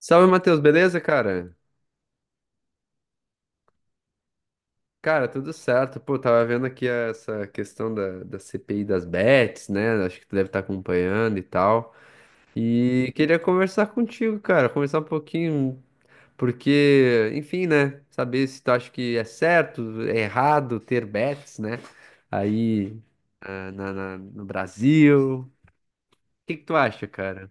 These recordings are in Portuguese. Salve, Matheus, beleza, cara? Cara, tudo certo. Pô, tava vendo aqui essa questão da CPI das bets, né? Acho que tu deve estar acompanhando e tal. E queria conversar contigo, cara, conversar um pouquinho, porque, enfim, né? Saber se tu acha que é certo, é errado ter bets, né? Aí, no Brasil. O que que tu acha, cara?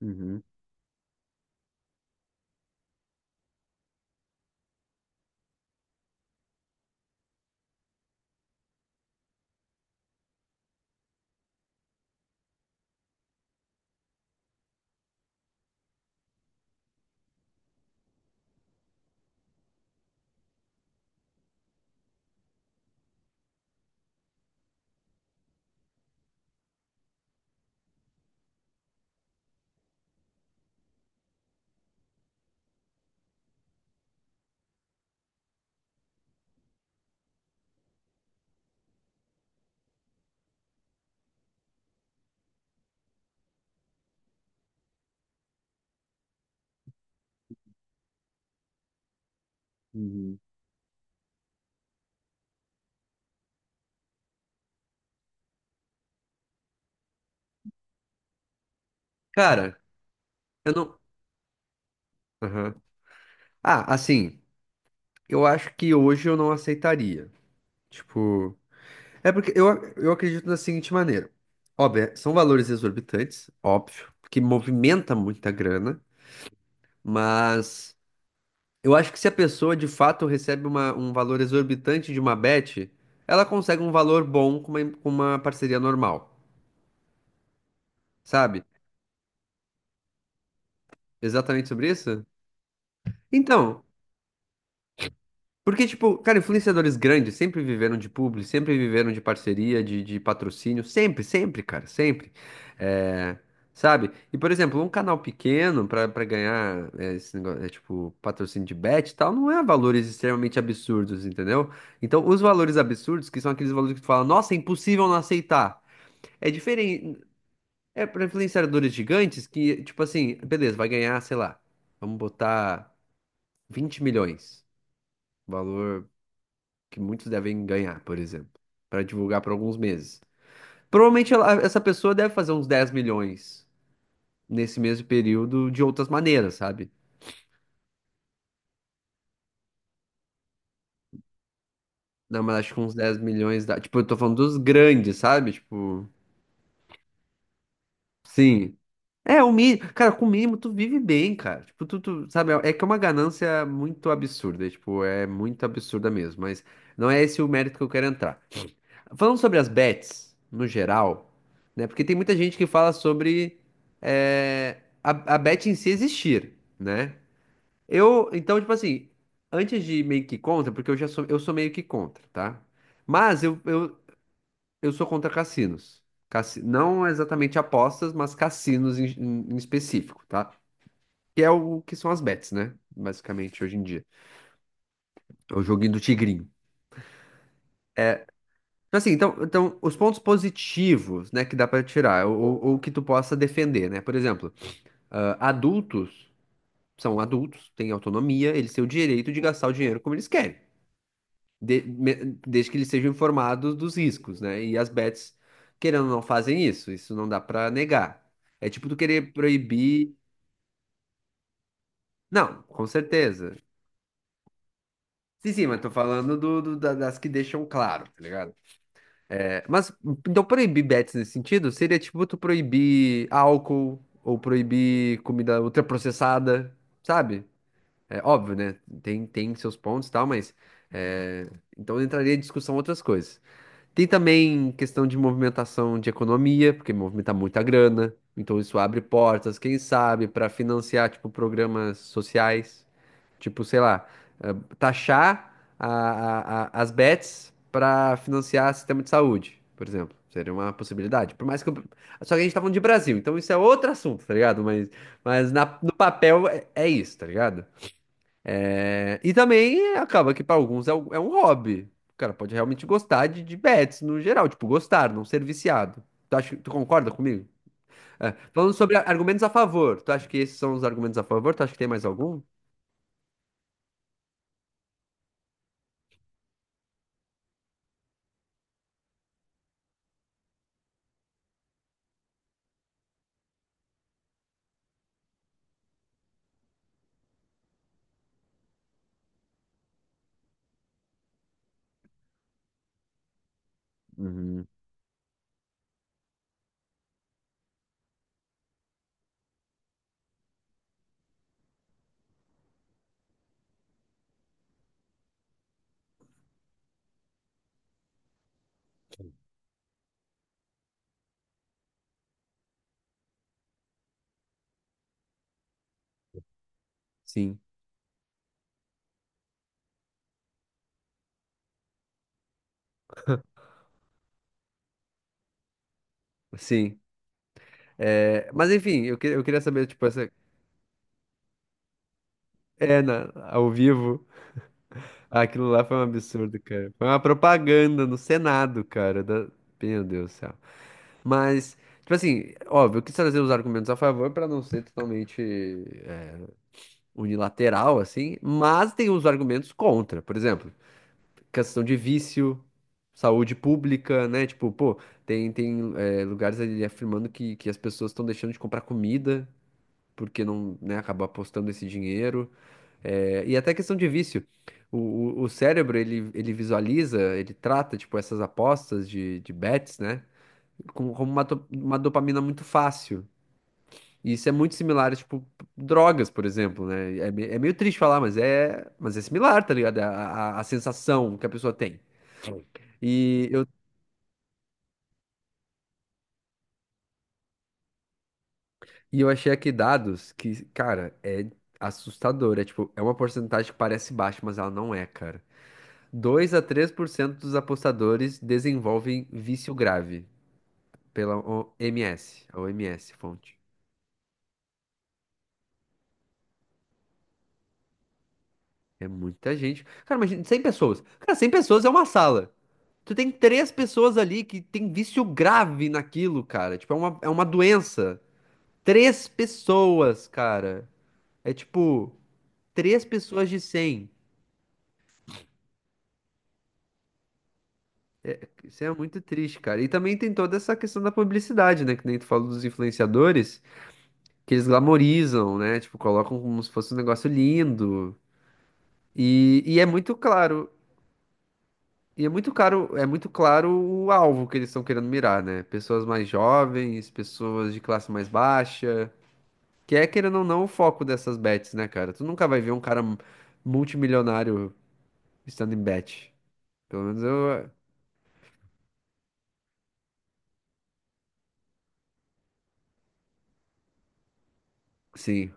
Uhum, uhum. Cara, eu não. Aham. Ah, assim, eu acho que hoje eu não aceitaria. Tipo. É porque eu acredito da seguinte maneira. Óbvio, são valores exorbitantes, óbvio, que movimenta muita grana, mas eu acho que se a pessoa de fato recebe um valor exorbitante de uma bet, ela consegue um valor bom com uma parceria normal, sabe? Exatamente sobre isso? Então, porque, tipo, cara, influenciadores grandes sempre viveram de publi, sempre viveram de parceria, de patrocínio, sempre, sempre, cara, sempre. É, sabe? E, por exemplo, um canal pequeno pra ganhar é, esse negócio, é, tipo, patrocínio de bet e tal, não é valores extremamente absurdos, entendeu? Então, os valores absurdos, que são aqueles valores que tu fala, nossa, é impossível não aceitar. É diferente. É pra influenciadores gigantes que, tipo assim, beleza, vai ganhar, sei lá, vamos botar 20 milhões. Valor que muitos devem ganhar, por exemplo, para divulgar por alguns meses. Provavelmente essa pessoa deve fazer uns 10 milhões nesse mesmo período de outras maneiras, sabe? Não, mas acho que uns 10 milhões dá. Tipo, eu tô falando dos grandes, sabe? Tipo, sim. É, o mínimo. Cara, com o mínimo tu vive bem, cara. Tipo, sabe? É que é uma ganância muito absurda. Tipo, é muito absurda mesmo. Mas não é esse o mérito que eu quero entrar. Falando sobre as bets, no geral, né? Porque tem muita gente que fala sobre a bet em si existir, né? Eu, então, tipo assim, antes de meio que contra, porque eu sou meio que contra, tá? Mas eu sou contra cassinos. Não exatamente apostas, mas cassinos em específico, tá? Que é o que são as bets, né? Basicamente, hoje em dia. É o joguinho do tigrinho. Então, assim, os pontos positivos, né, que dá pra tirar, ou que tu possa defender, né? Por exemplo, adultos são adultos, têm autonomia, eles têm o direito de gastar o dinheiro como eles querem, de- me- desde que eles sejam informados dos riscos, né? E as bets, querendo ou não, fazem isso, isso não dá pra negar. É tipo tu querer proibir. Não, com certeza. Sim, sim, mas tô falando das que deixam claro, tá ligado? Mas então proibir bets nesse sentido seria tipo tu proibir álcool ou proibir comida ultraprocessada, sabe? É óbvio, né? Tem seus pontos e tal, mas é, então entraria em discussão outras coisas. Tem também questão de movimentação de economia, porque movimenta muita grana, então isso abre portas, quem sabe, para financiar tipo programas sociais. Tipo, sei lá, eh, taxar a- as bets para financiar sistema de saúde, por exemplo. Seria uma possibilidade. Por mais que eu... Só que a gente tá falando de Brasil, então isso é outro assunto, tá ligado? Mas, no papel é isso, tá ligado? É, e também é, acaba que para alguns é um hobby. O cara pode realmente gostar de bets no geral, tipo, gostar, não ser viciado. Tu concorda comigo? É, falando sobre argumentos a favor, tu acha que esses são os argumentos a favor? Tu acha que tem mais algum? Uhum, sim. Sim. É, mas enfim, eu queria saber, tipo, essa. É, ao vivo, aquilo lá foi um absurdo, cara. Foi uma propaganda no Senado, cara. Meu Deus do céu. Mas, tipo assim, óbvio, eu quis trazer os argumentos a favor pra não ser totalmente é, unilateral, assim, mas tem os argumentos contra. Por exemplo, questão de vício, saúde pública, né? Tipo, pô, tem lugares ali afirmando que as pessoas estão deixando de comprar comida porque não, né, acaba apostando esse dinheiro. É, e até questão de vício. O, o cérebro, ele visualiza, ele trata, tipo, essas apostas de bets, né? Como uma dopamina muito fácil. E isso é muito similar, tipo, drogas, por exemplo, né? É meio triste falar, mas é, similar, tá ligado? É a sensação que a pessoa tem. E eu, e eu achei aqui dados que, cara, é assustador. É tipo, é uma porcentagem que parece baixa, mas ela não é, cara. 2 a 3% dos apostadores desenvolvem vício grave pela OMS, a OMS, fonte. É muita gente. Cara, imagina 100 pessoas. Cara, 100 pessoas é uma sala. Tu tem três pessoas ali que tem vício grave naquilo, cara. Tipo, é uma doença. Três pessoas, cara. É tipo, três pessoas de 100. Isso é muito triste, cara. E também tem toda essa questão da publicidade, né? Que nem tu falou dos influenciadores, que eles glamorizam, né? Tipo, colocam como se fosse um negócio lindo. E é muito claro, o alvo que eles estão querendo mirar, né? Pessoas mais jovens, pessoas de classe mais baixa, que é, querendo ou não, o foco dessas bets, né, cara? Tu nunca vai ver um cara multimilionário estando em bet. Pelo menos eu, sim.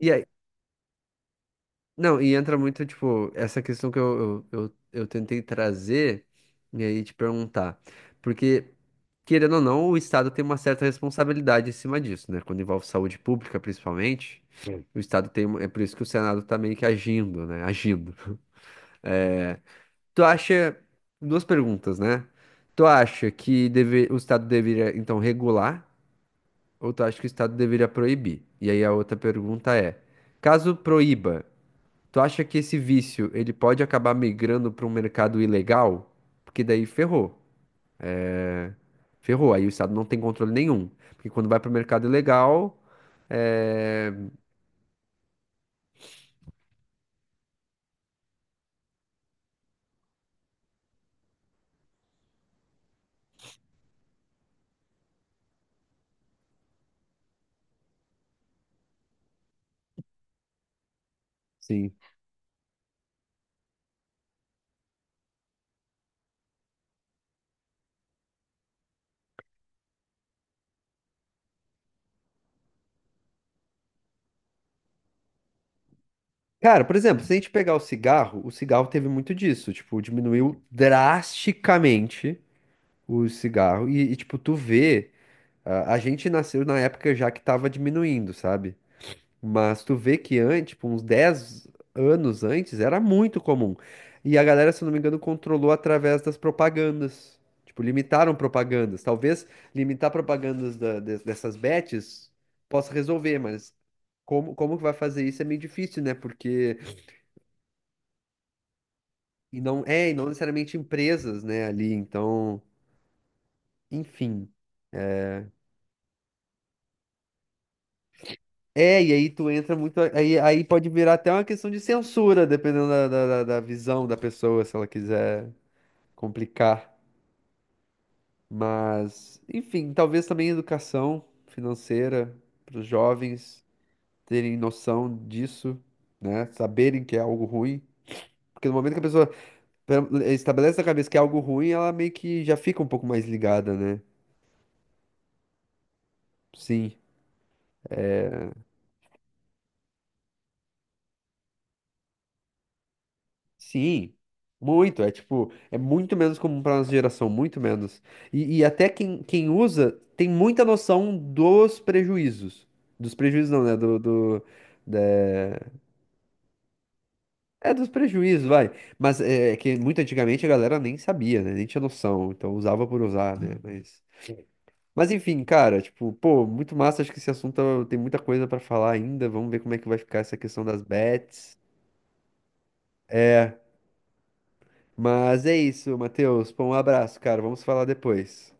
E aí, não, e entra muito, tipo, essa questão que eu tentei trazer e aí te perguntar. Porque querendo ou não, o Estado tem uma certa responsabilidade em cima disso, né? Quando envolve saúde pública, principalmente. Sim. O Estado tem. É por isso que o Senado tá meio que agindo, né? Agindo. É, tu acha. Duas perguntas, né? Tu acha que deve... o Estado deveria, então, regular? Ou tu acha que o Estado deveria proibir? E aí a outra pergunta é: caso proíba, tu acha que esse vício ele pode acabar migrando para um mercado ilegal? Porque daí ferrou. Ferrou. Aí o Estado não tem controle nenhum. Porque quando vai para o mercado ilegal, é... Sim. Cara, por exemplo, se a gente pegar o cigarro teve muito disso. Tipo, diminuiu drasticamente o cigarro. E, tipo, tu vê, a gente nasceu na época já que tava diminuindo, sabe? Mas tu vê que antes, tipo, uns 10 anos antes, era muito comum. E a galera, se eu não me engano, controlou através das propagandas. Tipo, limitaram propagandas. Talvez limitar propagandas dessas bets possa resolver, mas como que vai fazer isso é meio difícil, né? Porque. E não necessariamente empresas, né, ali. Então, enfim. É, e aí tu entra muito. Aí, pode virar até uma questão de censura, dependendo da visão da pessoa, se ela quiser complicar. Mas, enfim, talvez também educação financeira para os jovens terem noção disso, né? Saberem que é algo ruim. Porque no momento que a pessoa estabelece na cabeça que é algo ruim, ela meio que já fica um pouco mais ligada, né? Sim. Sim. Muito. É tipo, é muito menos comum para nossa geração, muito menos. E até quem usa tem muita noção dos prejuízos. Dos prejuízos não, né? Da- É dos prejuízos, vai. Mas é que muito antigamente a galera nem sabia, né? Nem tinha noção. Então usava por usar, né? Mas, enfim, cara, tipo, pô, muito massa. Acho que esse assunto tem muita coisa pra falar ainda. Vamos ver como é que vai ficar essa questão das bets. É, Mas é isso, Matheus. Pô, um abraço, cara. Vamos falar depois.